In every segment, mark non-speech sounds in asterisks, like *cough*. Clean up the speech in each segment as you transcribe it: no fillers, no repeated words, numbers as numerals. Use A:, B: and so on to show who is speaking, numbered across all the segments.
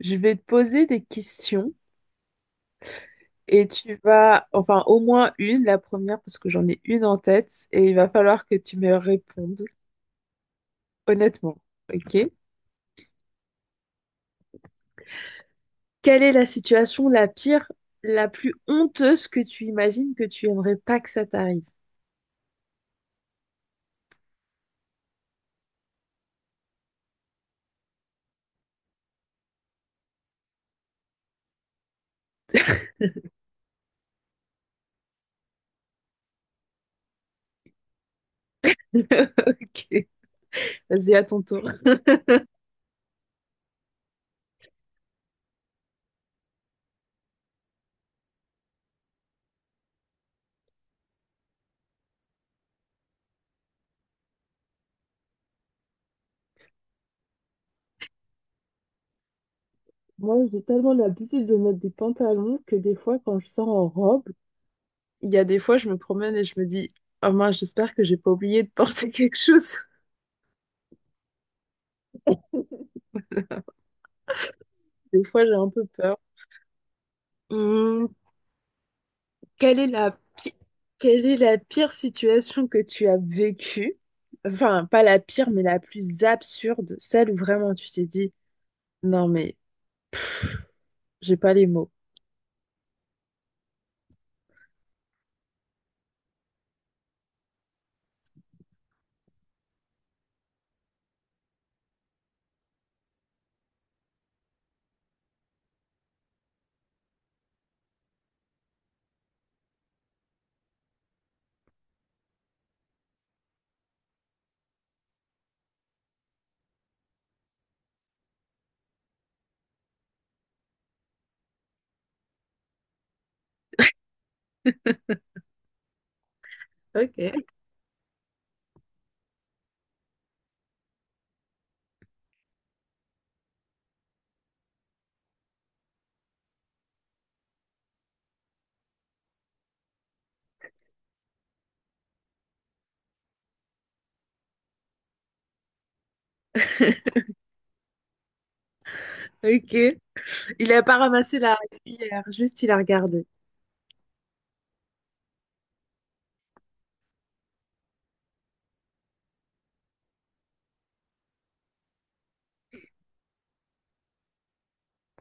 A: Je vais te poser des questions et tu vas, enfin au moins une, la première, parce que j'en ai une en tête et il va falloir que tu me répondes honnêtement. Ok? Quelle est la situation la pire, la plus honteuse que tu imagines que tu aimerais pas que ça t'arrive? *laughs* Ok, vas-y, à ton tour. Moi, j'ai tellement l'habitude de mettre des pantalons que des fois, quand je sors en robe, il y a des fois, je me promène et je me dis, oh mince, j'espère que j'ai pas oublié de porter *laughs* quelque chose. Des fois, j'ai un peu peur. Hmm, Quelle est la pi- Quelle est la pire situation que tu as vécue? Enfin, pas la pire, mais la plus absurde, celle où vraiment tu t'es dit, non mais j'ai pas les mots. Ok, *laughs* ok. Il a pas ramassé la cuillère, juste il a regardé.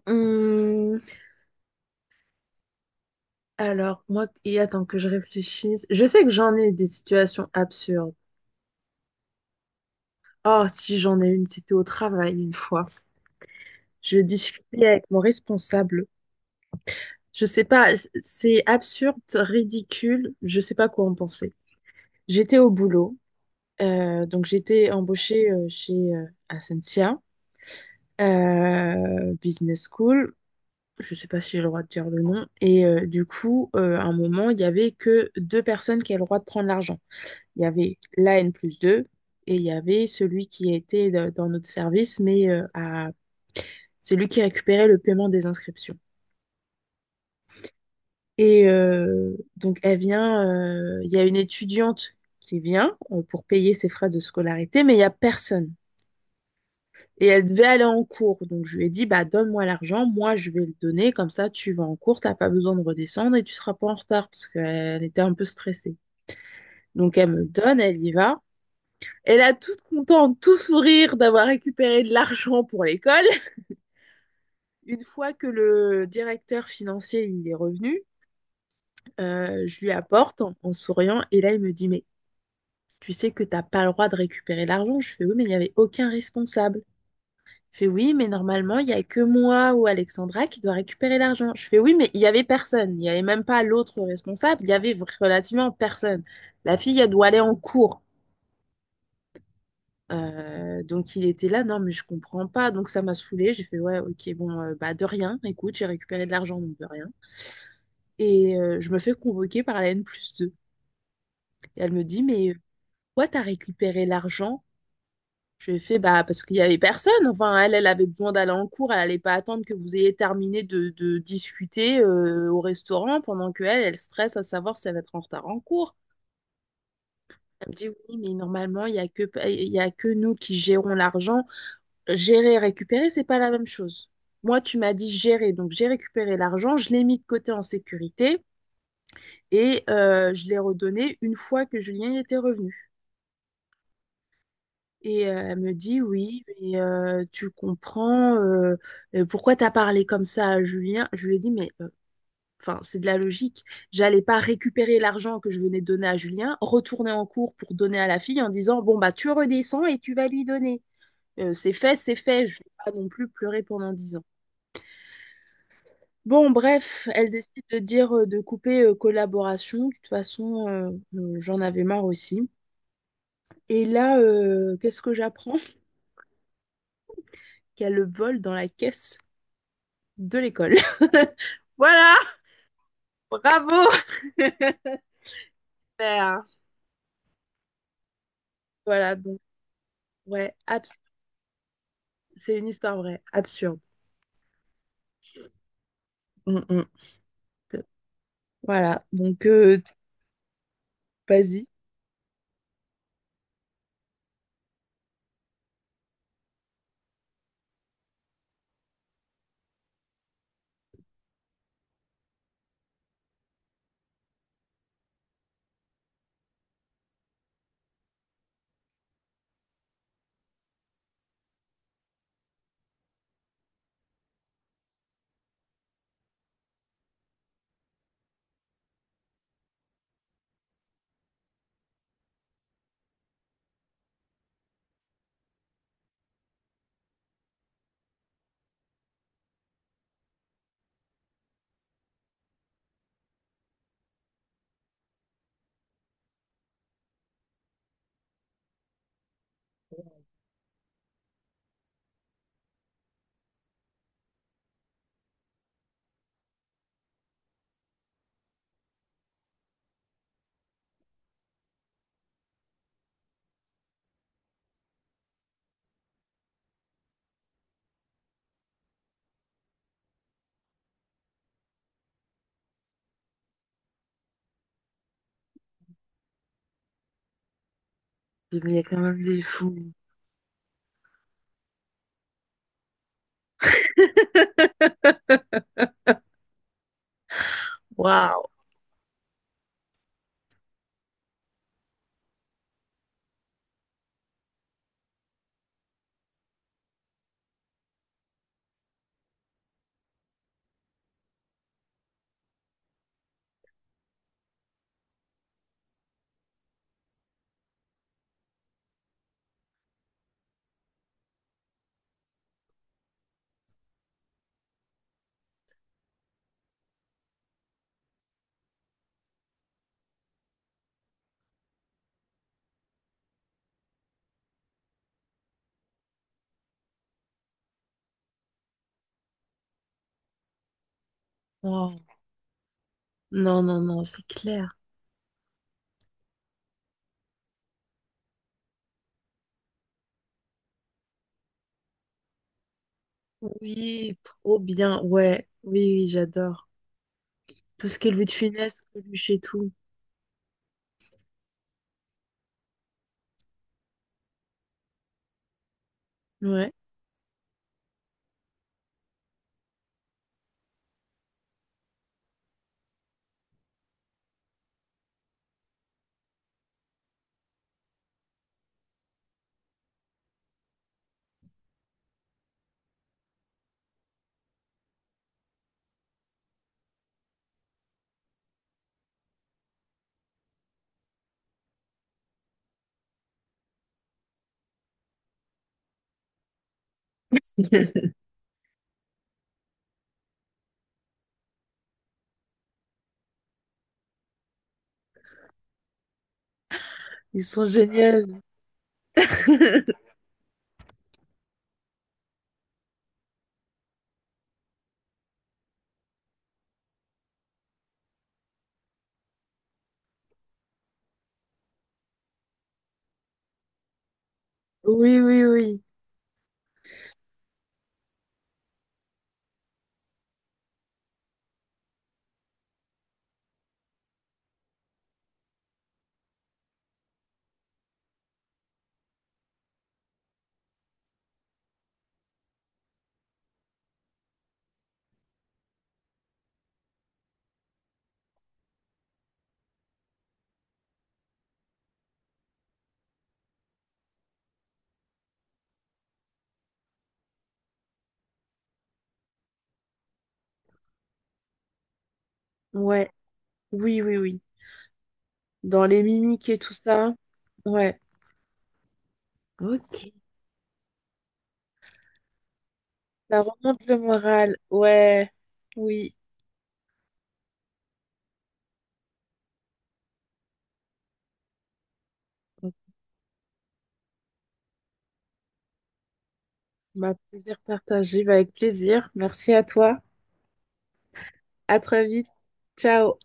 A: Hum, alors, moi, et attends que je réfléchisse. Je sais que j'en ai des situations absurdes. Oh, si j'en ai une, c'était au travail une fois. Je discutais avec mon responsable. Je sais pas, c'est absurde, ridicule, je sais pas quoi en penser. J'étais au boulot, donc j'étais embauchée chez Essentia Business School. Je sais pas si j'ai le droit de dire le nom. Et du coup, à un moment, il y avait que deux personnes qui avaient le droit de prendre l'argent. Il y avait la N plus 2 et il y avait celui qui était dans notre service, mais celui qui récupérait le paiement des inscriptions. Et donc, elle vient, il y a une étudiante qui vient pour payer ses frais de scolarité, mais il n'y a personne. Et elle devait aller en cours. Donc, je lui ai dit, bah, donne-moi l'argent, moi, je vais le donner, comme ça, tu vas en cours, t'as pas besoin de redescendre et tu seras pas en retard, parce qu'elle était un peu stressée. Donc, elle me le donne, elle y va. Elle a toute contente, tout sourire d'avoir récupéré de l'argent pour l'école. Une fois que le directeur financier il est revenu, je lui apporte en souriant et là il me dit mais tu sais que t'as pas le droit de récupérer l'argent. Je fais oui, mais il n'y avait aucun responsable. Je fais oui, mais normalement, il n'y a que moi ou Alexandra qui doit récupérer l'argent. Je fais oui, mais il n'y avait personne. Il n'y avait même pas l'autre responsable. Il y avait relativement personne. La fille, elle doit aller en cours. Donc il était là, non, mais je comprends pas. Donc ça m'a saoulée. J'ai fait ouais, ok, bon, bah de rien. Écoute, j'ai récupéré de l'argent, donc de rien. Et je me fais convoquer par la N plus deux. Et elle me dit, pourquoi t'as récupéré l'argent. Je lui ai fait, bah, parce qu'il n'y avait personne. Enfin, elle, elle avait besoin d'aller en cours. Elle n'allait pas attendre que vous ayez terminé de discuter au restaurant pendant que elle, elle stresse à savoir si elle va être en retard en cours. Elle me dit, oui, mais normalement, il y a que nous qui gérons l'argent. Gérer et récupérer, c'est pas la même chose. Moi, tu m'as dit gérer. Donc, j'ai récupéré l'argent. Je l'ai mis de côté en sécurité et je l'ai redonné une fois que Julien y était revenu. Et elle me dit, oui, mais tu comprends pourquoi t'as parlé comme ça à Julien. Je lui ai dit, mais enfin, c'est de la logique. J'allais pas récupérer l'argent que je venais de donner à Julien, retourner en cours pour donner à la fille en disant, bon, bah, tu redescends et tu vas lui donner. C'est fait, c'est fait. Je vais pas non plus pleurer pendant dix ans. Bon, bref, elle décide de dire de couper collaboration. De toute façon, j'en avais marre aussi. Et là, qu'est-ce que j'apprends? *laughs* Qu'elle le vole dans la caisse de l'école. *laughs* Voilà, bravo. *laughs* Super. Voilà, donc ouais, abs- c'est une histoire vraie, absurde. Mm, mm. Voilà, donc vas-y. Mais il y a quand même des fous. Waouh. Waouh. Non, non, non, c'est clair. Oui, trop bien. Ouais, oui, oui, j'adore. Tout ce qui est Louis de Funès, Coluche et tout. Ouais. *laughs* Ils sont géniaux. *laughs* Oui, oui, oui. Ouais. Oui, oui, oui. Dans les mimiques et tout ça. Ouais. Ok. Ça remonte le moral. Ouais, oui. Ma plaisir partagé, bah, avec plaisir. Merci à toi. À très vite. Ciao.